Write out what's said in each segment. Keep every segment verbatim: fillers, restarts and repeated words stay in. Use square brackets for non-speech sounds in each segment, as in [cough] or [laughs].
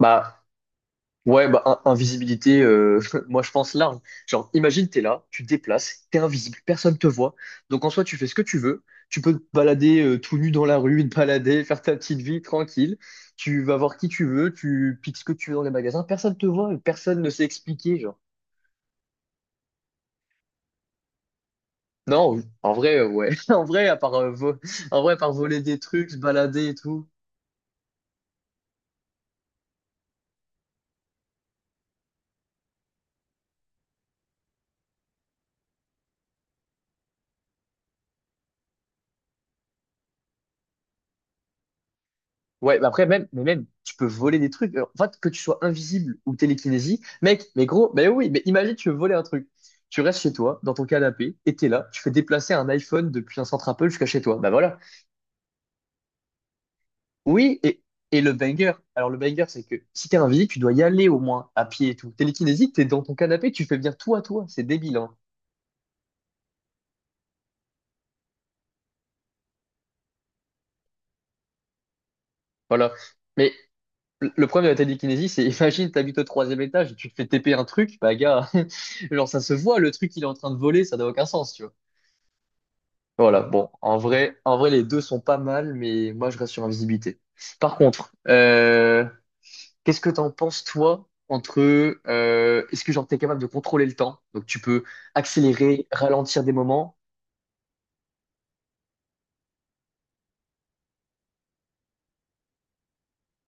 Bah ouais, bah in- invisibilité, euh, [laughs] moi je pense large. Genre, imagine t'es là, tu te déplaces, t'es invisible, personne te voit. Donc en soi, tu fais ce que tu veux. Tu peux te balader euh, tout nu dans la rue, te balader, [laughs] faire ta petite vie tranquille. Tu vas voir qui tu veux, tu piques ce que tu veux dans les magasins, personne te voit, personne ne sait expliquer, genre. Non, en vrai, euh, ouais. [laughs] En vrai, à part, euh, vo- en vrai, à part voler des trucs, se balader et tout. Ouais, bah après, même, mais même, tu peux voler des trucs. En fait, que tu sois invisible ou télékinésie, mec, mais gros, mais oui, mais imagine, tu veux voler un truc. Tu restes chez toi, dans ton canapé, et t'es là, tu fais déplacer un iPhone depuis un centre Apple jusqu'à chez toi. Bah voilà. Oui, et, et le banger. Alors, le banger, c'est que si t'es invisible, tu dois y aller au moins, à pied et tout. Télékinésie, t'es dans ton canapé, tu fais venir tout à toi. C'est débile, hein. Voilà. Mais le le problème de la télékinésie, c'est [laughs] imagine, t'habites au troisième étage et tu te fais T P un truc, bah gars, [laughs] genre ça se voit, le truc il est en train de voler, ça n'a aucun sens, tu vois. Voilà, bon, en vrai, en vrai, les deux sont pas mal, mais moi, je reste sur invisibilité. Par contre, euh, qu'est-ce que t'en penses, toi, entre, euh, est-ce que genre t'es capable de contrôler le temps? Donc, tu peux accélérer, ralentir des moments,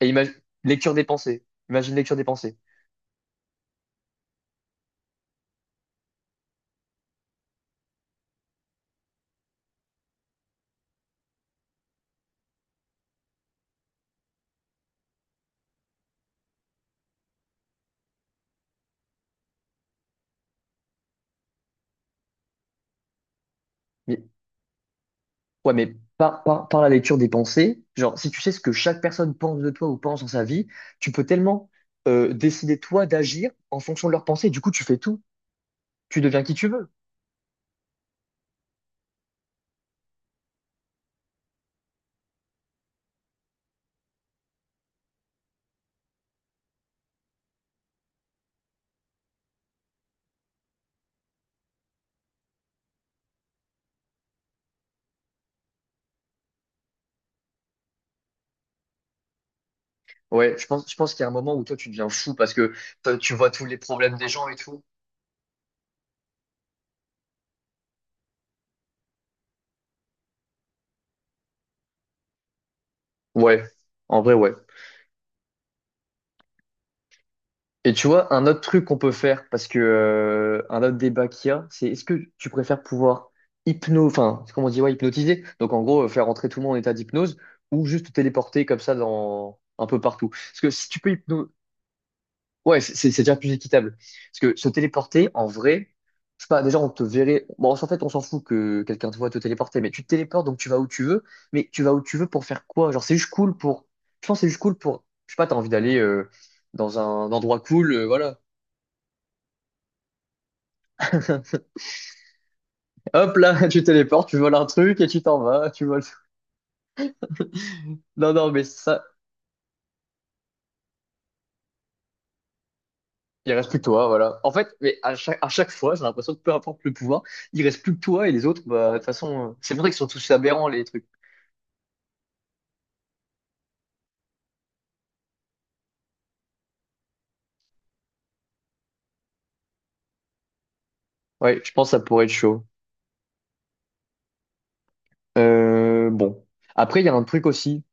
et imagine, lecture des pensées. Imagine lecture des pensées. Mais, ouais, mais par, par, par la lecture des pensées, genre, si tu sais ce que chaque personne pense de toi ou pense dans sa vie, tu peux tellement, euh, décider, toi, d'agir en fonction de leurs pensées. Du coup, tu fais tout. Tu deviens qui tu veux. Ouais, je pense, je pense qu'il y a un moment où toi tu deviens fou parce que toi, tu vois tous les problèmes des gens et tout. Ouais, en vrai, ouais. Et tu vois, un autre truc qu'on peut faire, parce que euh, un autre débat qu'il y a, c'est est-ce que tu préfères pouvoir hypno, enfin, comment on dit, ouais, hypnotiser, donc en gros, euh, faire rentrer tout le monde en état d'hypnose, ou juste te téléporter comme ça dans un peu partout. Parce que si tu peux hypno. Ouais, c'est c'est- c'est déjà plus équitable. Parce que se téléporter, en vrai, je sais pas, déjà on te verrait. Bon, en fait, on s'en fout que quelqu'un te voit te téléporter, mais tu te téléportes donc tu vas où tu veux. Mais tu vas où tu veux pour faire quoi? Genre, c'est juste cool pour. Je pense que c'est juste cool pour. Je sais pas, t'as envie d'aller euh, dans un endroit cool, euh, voilà. Hop là, [laughs] tu téléportes, tu voles un truc et tu t'en vas, tu voles. Non, non, mais ça, il reste plus que toi, voilà. En fait, mais à chaque, à chaque fois, j'ai l'impression que peu importe le pouvoir, il reste plus que toi et les autres, bah, de toute façon, euh, c'est vrai qu'ils sont tous aberrants, les trucs. Ouais, je pense que ça pourrait être chaud. Euh, bon. Après, il y a un truc aussi,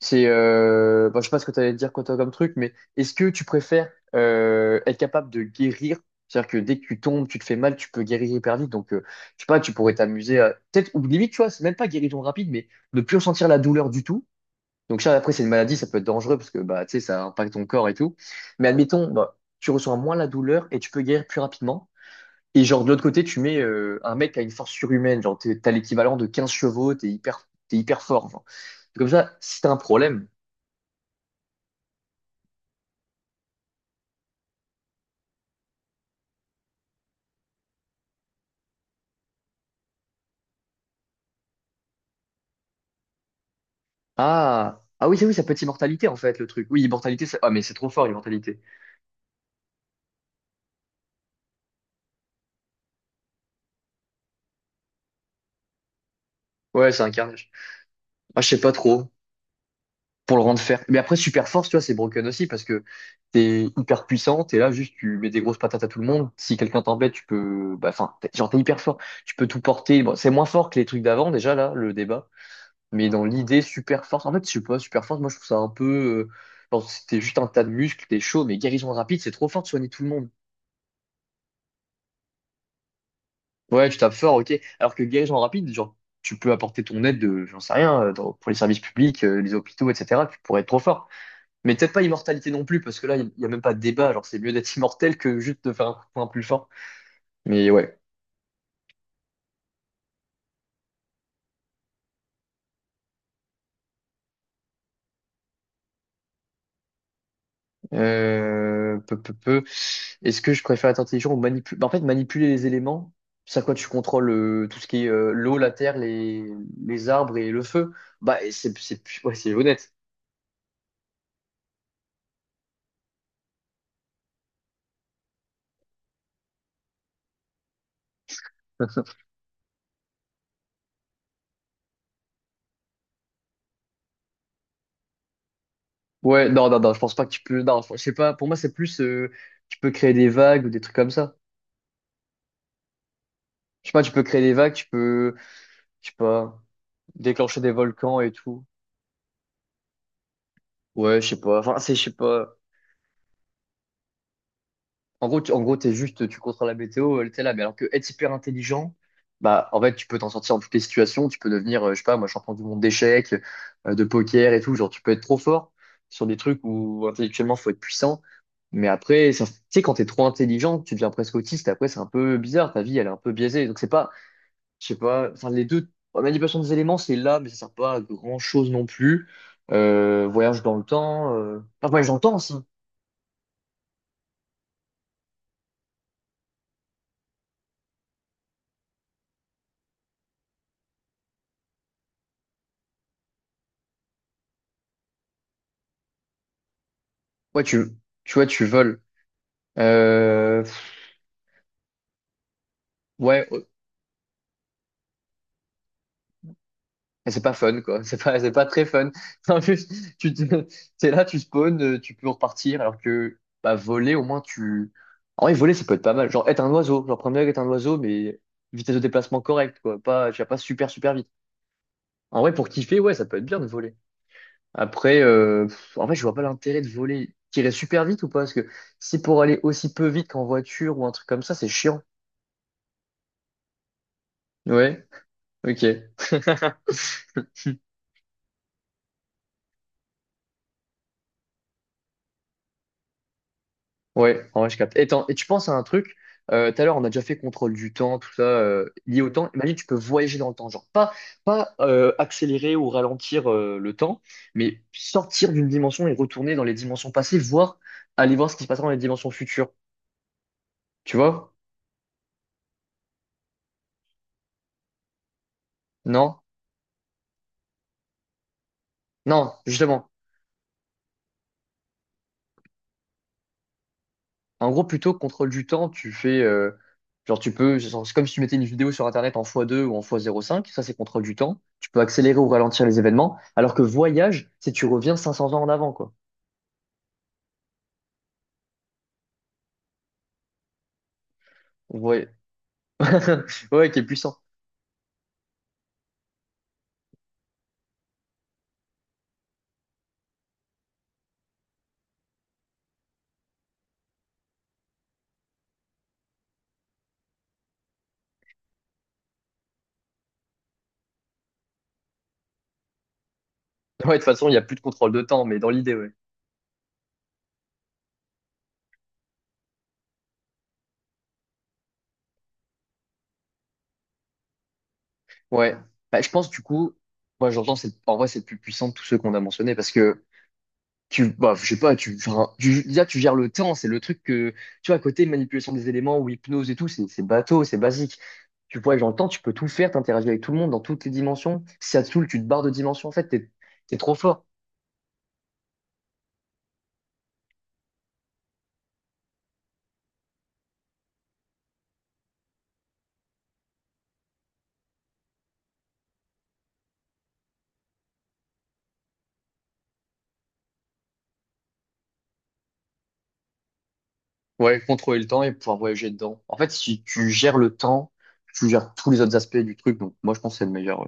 c'est, euh, bon, je sais pas ce que tu allais dire quand t'as comme truc, mais est-ce que tu préfères euh, être capable de guérir? C'est-à-dire que dès que tu tombes, tu te fais mal, tu peux guérir hyper vite. Donc, euh, je sais pas, tu pourrais t'amuser à... Peut-être, ou limite, tu vois, c'est même pas guérison rapide, mais ne plus ressentir la douleur du tout. Donc, ça, après, c'est une maladie, ça peut être dangereux parce que, bah, tu sais, ça impacte ton corps et tout. Mais admettons, bah, tu ressens moins la douleur et tu peux guérir plus rapidement. Et genre, de l'autre côté, tu mets euh, un mec qui a une force surhumaine, genre, t'es- t'as l'équivalent de quinze chevaux, t'es hyper, t'es hyper fort, genre. Comme ça, si t'as un problème. Ah, ah oui, c'est oui, ça peut être immortalité en fait, le truc. Oui, immortalité, ça... ah, mais c'est trop fort, immortalité. Ouais, c'est un carnage. Ah, je sais pas trop pour le rendre fer. Mais après, super force, tu vois, c'est broken aussi parce que t'es hyper puissant, t'es là, juste, tu mets des grosses patates à tout le monde. Si quelqu'un t'embête, tu peux. Bah, enfin, t'es- genre, t'es hyper fort, tu peux tout porter. Bon, c'est moins fort que les trucs d'avant, déjà, là, le débat. Mais dans l'idée, super force, en fait, je sais pas, super force, moi je trouve ça un peu, euh, genre, c'était juste un tas de muscles, t'es chaud, mais guérison rapide, c'est trop fort de soigner tout le monde. Ouais, tu tapes fort, ok. Alors que guérison rapide, genre, tu peux apporter ton aide de, j'en sais rien, euh, dans- pour les services publics, euh, les hôpitaux, et cetera. Tu pourrais être trop fort. Mais peut-être pas immortalité non plus, parce que là, il n'y y a même pas de débat. Genre, c'est mieux d'être immortel que juste de faire un coup de poing plus fort. Mais ouais. Euh, peu, peu, peu. Est-ce que je préfère être intelligent ou manipuler? En fait, manipuler les éléments, c'est à quoi tu contrôles euh, tout ce qui est euh, l'eau, la terre, les, les arbres et le feu. Bah, et c'est, c'est, ouais, c'est honnête. [laughs] Ouais, non, non, non, je pense pas que tu peux. Non, je sais pas. Pour moi, c'est plus euh, tu peux créer des vagues ou des trucs comme ça. Je sais pas, tu peux créer des vagues, tu peux, je sais pas, déclencher des volcans et tout. Ouais, je sais pas. Enfin, c'est, je sais pas. En gros, tu, en gros, t'es juste, tu contrôles la météo, elle t'es là. Mais alors que être hyper intelligent, bah, en fait, tu peux t'en sortir dans toutes les situations. Tu peux devenir, euh, je sais pas, moi, champion du monde d'échecs, euh, de poker et tout. Genre, tu peux être trop fort sur des trucs où intellectuellement, faut être puissant. Mais après, ça- tu sais, quand t'es trop intelligent, tu deviens presque autiste. Après, c'est un peu bizarre. Ta vie, elle est un peu biaisée. Donc, c'est pas, je sais pas, enfin, les deux, la manipulation des éléments, c'est là, mais ça sert pas à grand chose non plus. Euh, voyage dans le temps, euh... enfin, voyage dans le temps aussi. Ouais, tu, tu vois, tu voles. Euh, Ouais, ouais. C'est pas fun, quoi. [laughs] C'est pas, c'est pas très fun. [laughs] En plus, tu te- [laughs] t'es là, tu spawns, euh, tu peux repartir, alors que, bah, voler, au moins, tu... En vrai, voler, ça peut être pas mal. Genre, être un oiseau. Genre, prendre est un oiseau, mais vitesse de déplacement correcte, quoi. Pas, tu vas pas super, super vite. En vrai, pour kiffer, ouais, ça peut être bien de voler. Après, euh, pff, en vrai, je vois pas l'intérêt de voler. Tirer super vite ou pas? Parce que si pour aller aussi peu vite qu'en voiture ou un truc comme ça, c'est chiant. Ouais, ok. Ouais, en vrai, je capte. Et, t'en- et tu penses à un truc, euh, tout à l'heure, on a déjà fait contrôle du temps, tout ça, euh, lié au temps. Imagine, tu peux voyager dans le temps, genre pas, pas euh, accélérer ou ralentir euh, le temps, mais sortir d'une dimension et retourner dans les dimensions passées, voire aller voir ce qui se passera dans les dimensions futures. Tu vois? Non? Non, justement. En gros, plutôt que contrôle du temps, tu fais, euh, genre, tu peux, genre, c'est comme si tu mettais une vidéo sur Internet en fois deux ou en fois zéro,cinq, ça, c'est contrôle du temps. Tu peux accélérer ou ralentir les événements, alors que voyage, c'est tu reviens cinq cents ans en avant, quoi. Ouais. [laughs] Ouais, qui est puissant. Ouais, de toute façon, il n'y a plus de contrôle de temps, mais dans l'idée, ouais. Ouais. Bah, je pense, du coup, moi, j'entends, c'est, en vrai, c'est le plus puissant de tous ceux qu'on a mentionnés parce que tu, bah, je sais pas, tu, enfin, tu- déjà, tu gères le temps, c'est le truc que, tu vois, à côté, manipulation des éléments ou hypnose et tout, c'est, c'est bateau, c'est basique. Tu vois, j'entends, tu peux tout faire, t'interagis avec tout le monde dans toutes les dimensions. Si ça te saoule, tu te barres de dimension. En fait, t'es, t'es trop fort. Ouais, contrôler le temps et pouvoir voyager dedans. En fait, si tu gères le temps, tu gères tous les autres aspects du truc. Donc, moi, je pense que c'est le meilleur.